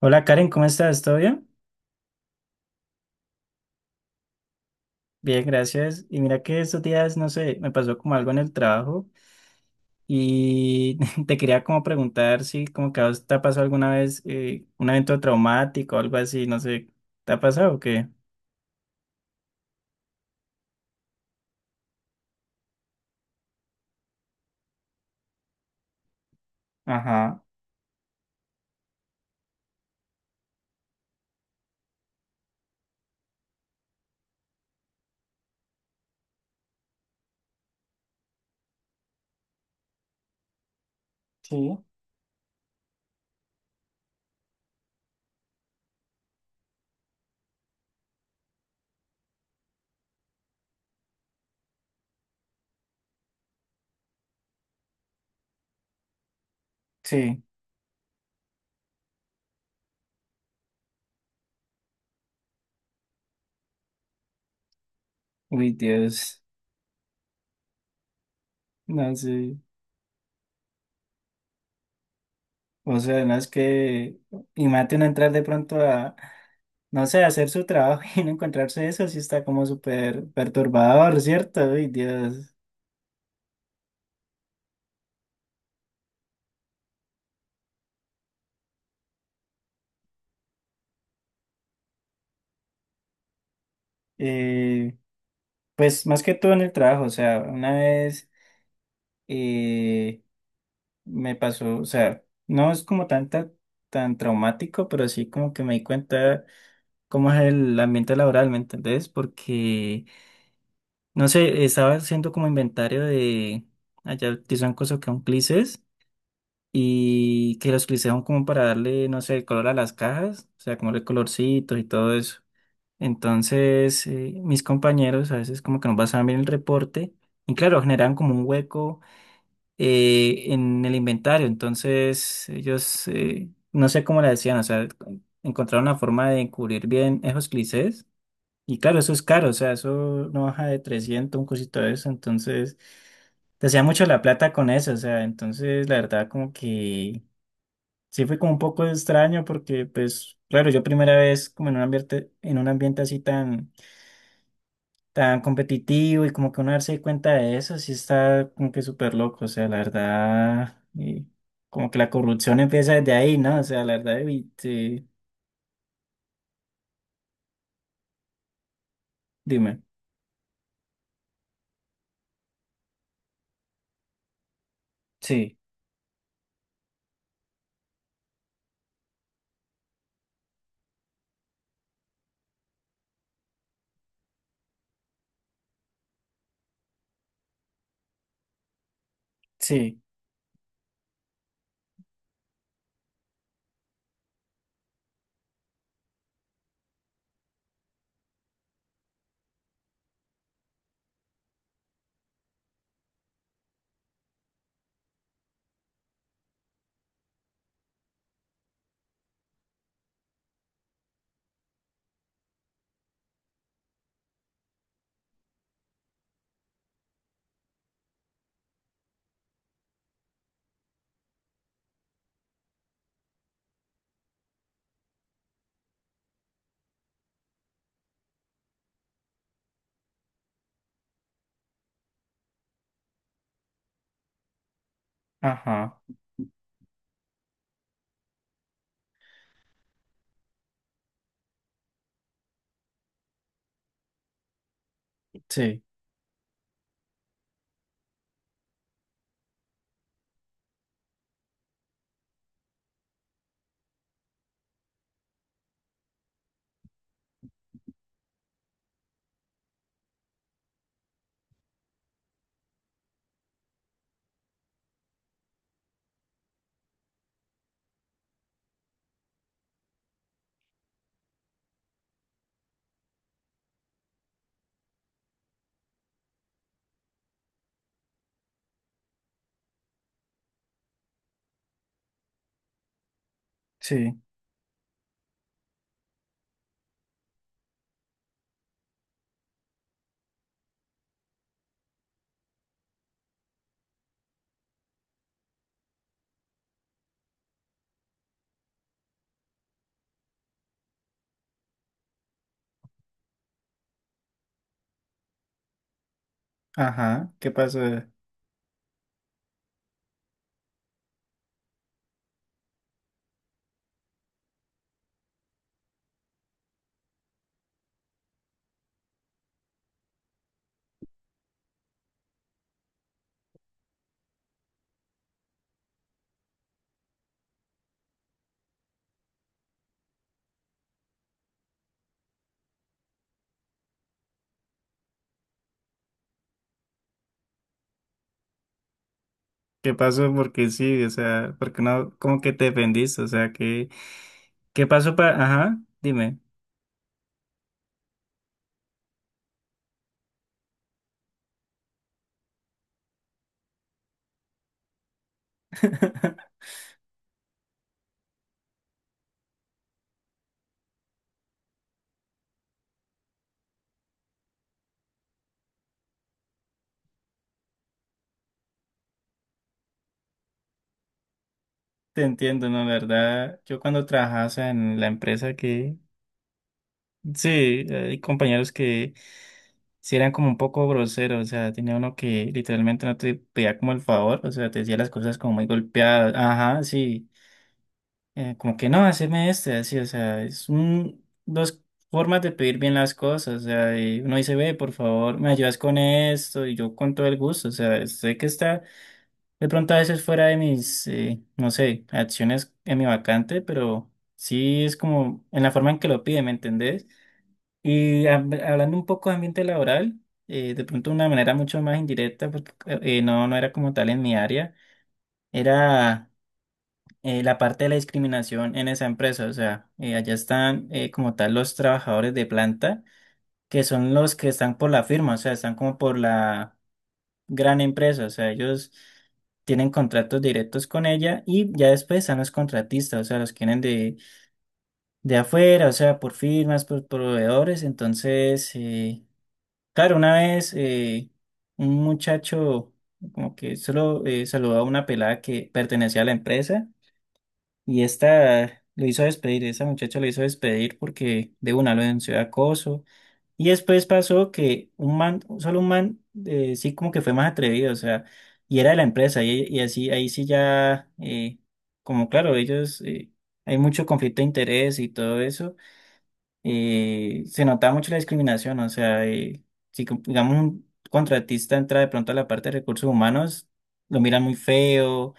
Hola Karen, ¿cómo estás? ¿Todo bien? Bien, gracias. Y mira que estos días, no sé, me pasó como algo en el trabajo y te quería como preguntar si como que a vos te ha pasado alguna vez un evento traumático o algo así, no sé, ¿te ha pasado o qué? Ajá, sí, sí, uy Dios, no sé, o sea, no es que, imagínate uno entrar de pronto a, no sé, a hacer su trabajo y no encontrarse eso, sí está como súper perturbador, ¿cierto? Uy Dios. Eh, Pues más que todo en el trabajo, o sea, una vez eh, me pasó, o sea, no es como tanta, tan traumático, pero sí como que me di cuenta cómo es el ambiente laboral, ¿me entendés? Porque, no sé, estaba haciendo como inventario de, allá utilizan cosas que son clices y que los clices son como para darle, no sé, el color a las cajas, o sea, como el colorcitos y todo eso. Entonces, mis compañeros a veces como que no pasaban bien el reporte. Y claro, generan como un hueco en el inventario. Entonces, ellos, no sé cómo la decían, o sea, encontraron la forma de encubrir bien esos clichés. Y claro, eso es caro, o sea, eso no baja de 300 un cosito de eso. Entonces, te hacía mucho la plata con eso, o sea, entonces, la verdad, como que sí fue como un poco extraño porque, pues, claro, yo primera vez como en un ambiente así tan tan competitivo y como que uno darse cuenta de eso, sí está como que súper loco, o sea, la verdad, y como que la corrupción empieza desde ahí, ¿no? O sea, la verdad, y sí, dime, sí, sí, ajá, sí, sí, ajá, ¿qué pasó? ¿Qué pasó? Porque sí, o sea, porque no, como que te defendiste, o sea, que, ¿qué pasó para, ajá, dime. Te entiendo, ¿no? La verdad, yo cuando trabajaba, o sea, en la empresa que, sí, hay compañeros que sí eran como un poco groseros, o sea, tenía uno que literalmente no te pedía como el favor, o sea, te decía las cosas como muy golpeadas, ajá, sí, como que no, haceme este, así, o sea, es un, dos formas de pedir bien las cosas, o sea, y uno dice, ve, por favor, me ayudas con esto, y yo con todo el gusto, o sea, sé que está de pronto a veces fuera de mis, no sé, acciones en mi vacante, pero sí es como en la forma en que lo pide, ¿me entendés? Y hablando un poco de ambiente laboral, de pronto de una manera mucho más indirecta, porque no, no era como tal en mi área, era la parte de la discriminación en esa empresa. O sea, allá están como tal los trabajadores de planta, que son los que están por la firma, o sea, están como por la gran empresa, o sea, ellos tienen contratos directos con ella y ya después están los contratistas, o sea, los que vienen de afuera, o sea, por firmas, por proveedores, entonces... claro, una vez un muchacho como que solo saludó a una pelada que pertenecía a la empresa y esta lo hizo despedir, esa muchacha lo hizo despedir porque de una lo denunció de acoso y después pasó que un man, solo un man sí como que fue más atrevido, o sea, y era de la empresa y así ahí sí ya como claro, ellos hay mucho conflicto de interés y todo eso se notaba mucho la discriminación, o sea, si digamos un contratista entra de pronto a la parte de recursos humanos, lo miran muy feo,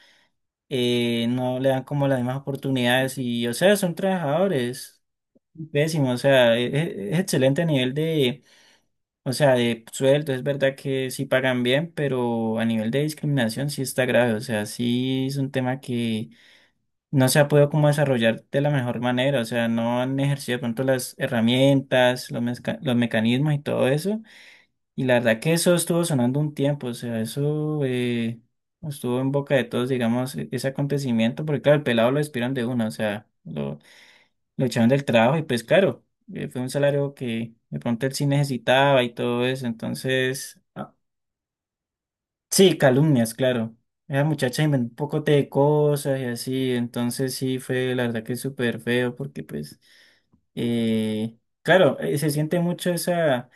no le dan como las mismas oportunidades y, o sea, son trabajadores pésimos, o sea, es, excelente a nivel de, o sea, de sueldo, es verdad que sí pagan bien, pero a nivel de discriminación sí está grave, o sea, sí es un tema que no se ha podido como desarrollar de la mejor manera, o sea, no han ejercido de pronto las herramientas, los, los mecanismos y todo eso. Y la verdad que eso estuvo sonando un tiempo, o sea, eso estuvo en boca de todos, digamos, ese acontecimiento, porque claro, el pelado lo despidieron de una, o sea, lo echaron del trabajo y pues claro, fue un salario que de pronto él sí necesitaba y todo eso, entonces... Sí, calumnias, claro. Esa muchacha inventó un poco de cosas y así, entonces sí fue la verdad que súper feo porque pues, eh, claro, se siente mucho esa,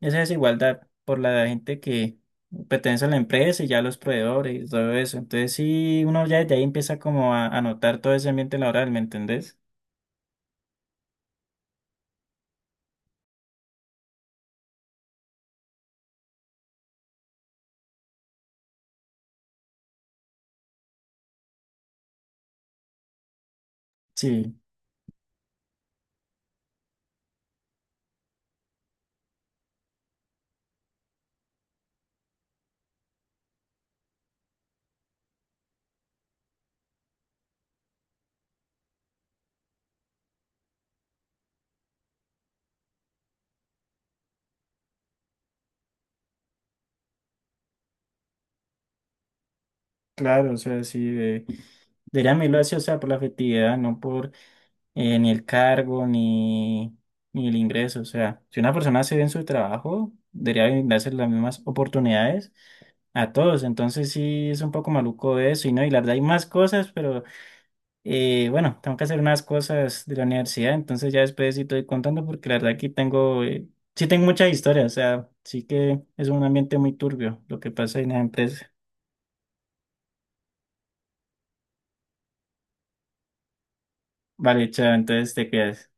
esa desigualdad por la gente que pertenece a la empresa y ya los proveedores y todo eso. Entonces sí, uno ya desde ahí empieza como a notar todo ese ambiente laboral, ¿me entendés? Sí, claro, o sea, sí, de, deberían mirarlo así, o sea, por la afectividad, no por ni el cargo, ni, ni el ingreso. O sea, si una persona hace bien su trabajo, debería brindarse las mismas oportunidades a todos. Entonces sí es un poco maluco eso y no, y la verdad hay más cosas, pero bueno, tengo que hacer unas cosas de la universidad, entonces ya después sí estoy contando porque la verdad aquí tengo, sí tengo muchas historias, o sea, sí que es un ambiente muy turbio lo que pasa en la empresa. Vale, chao, entonces te quedas.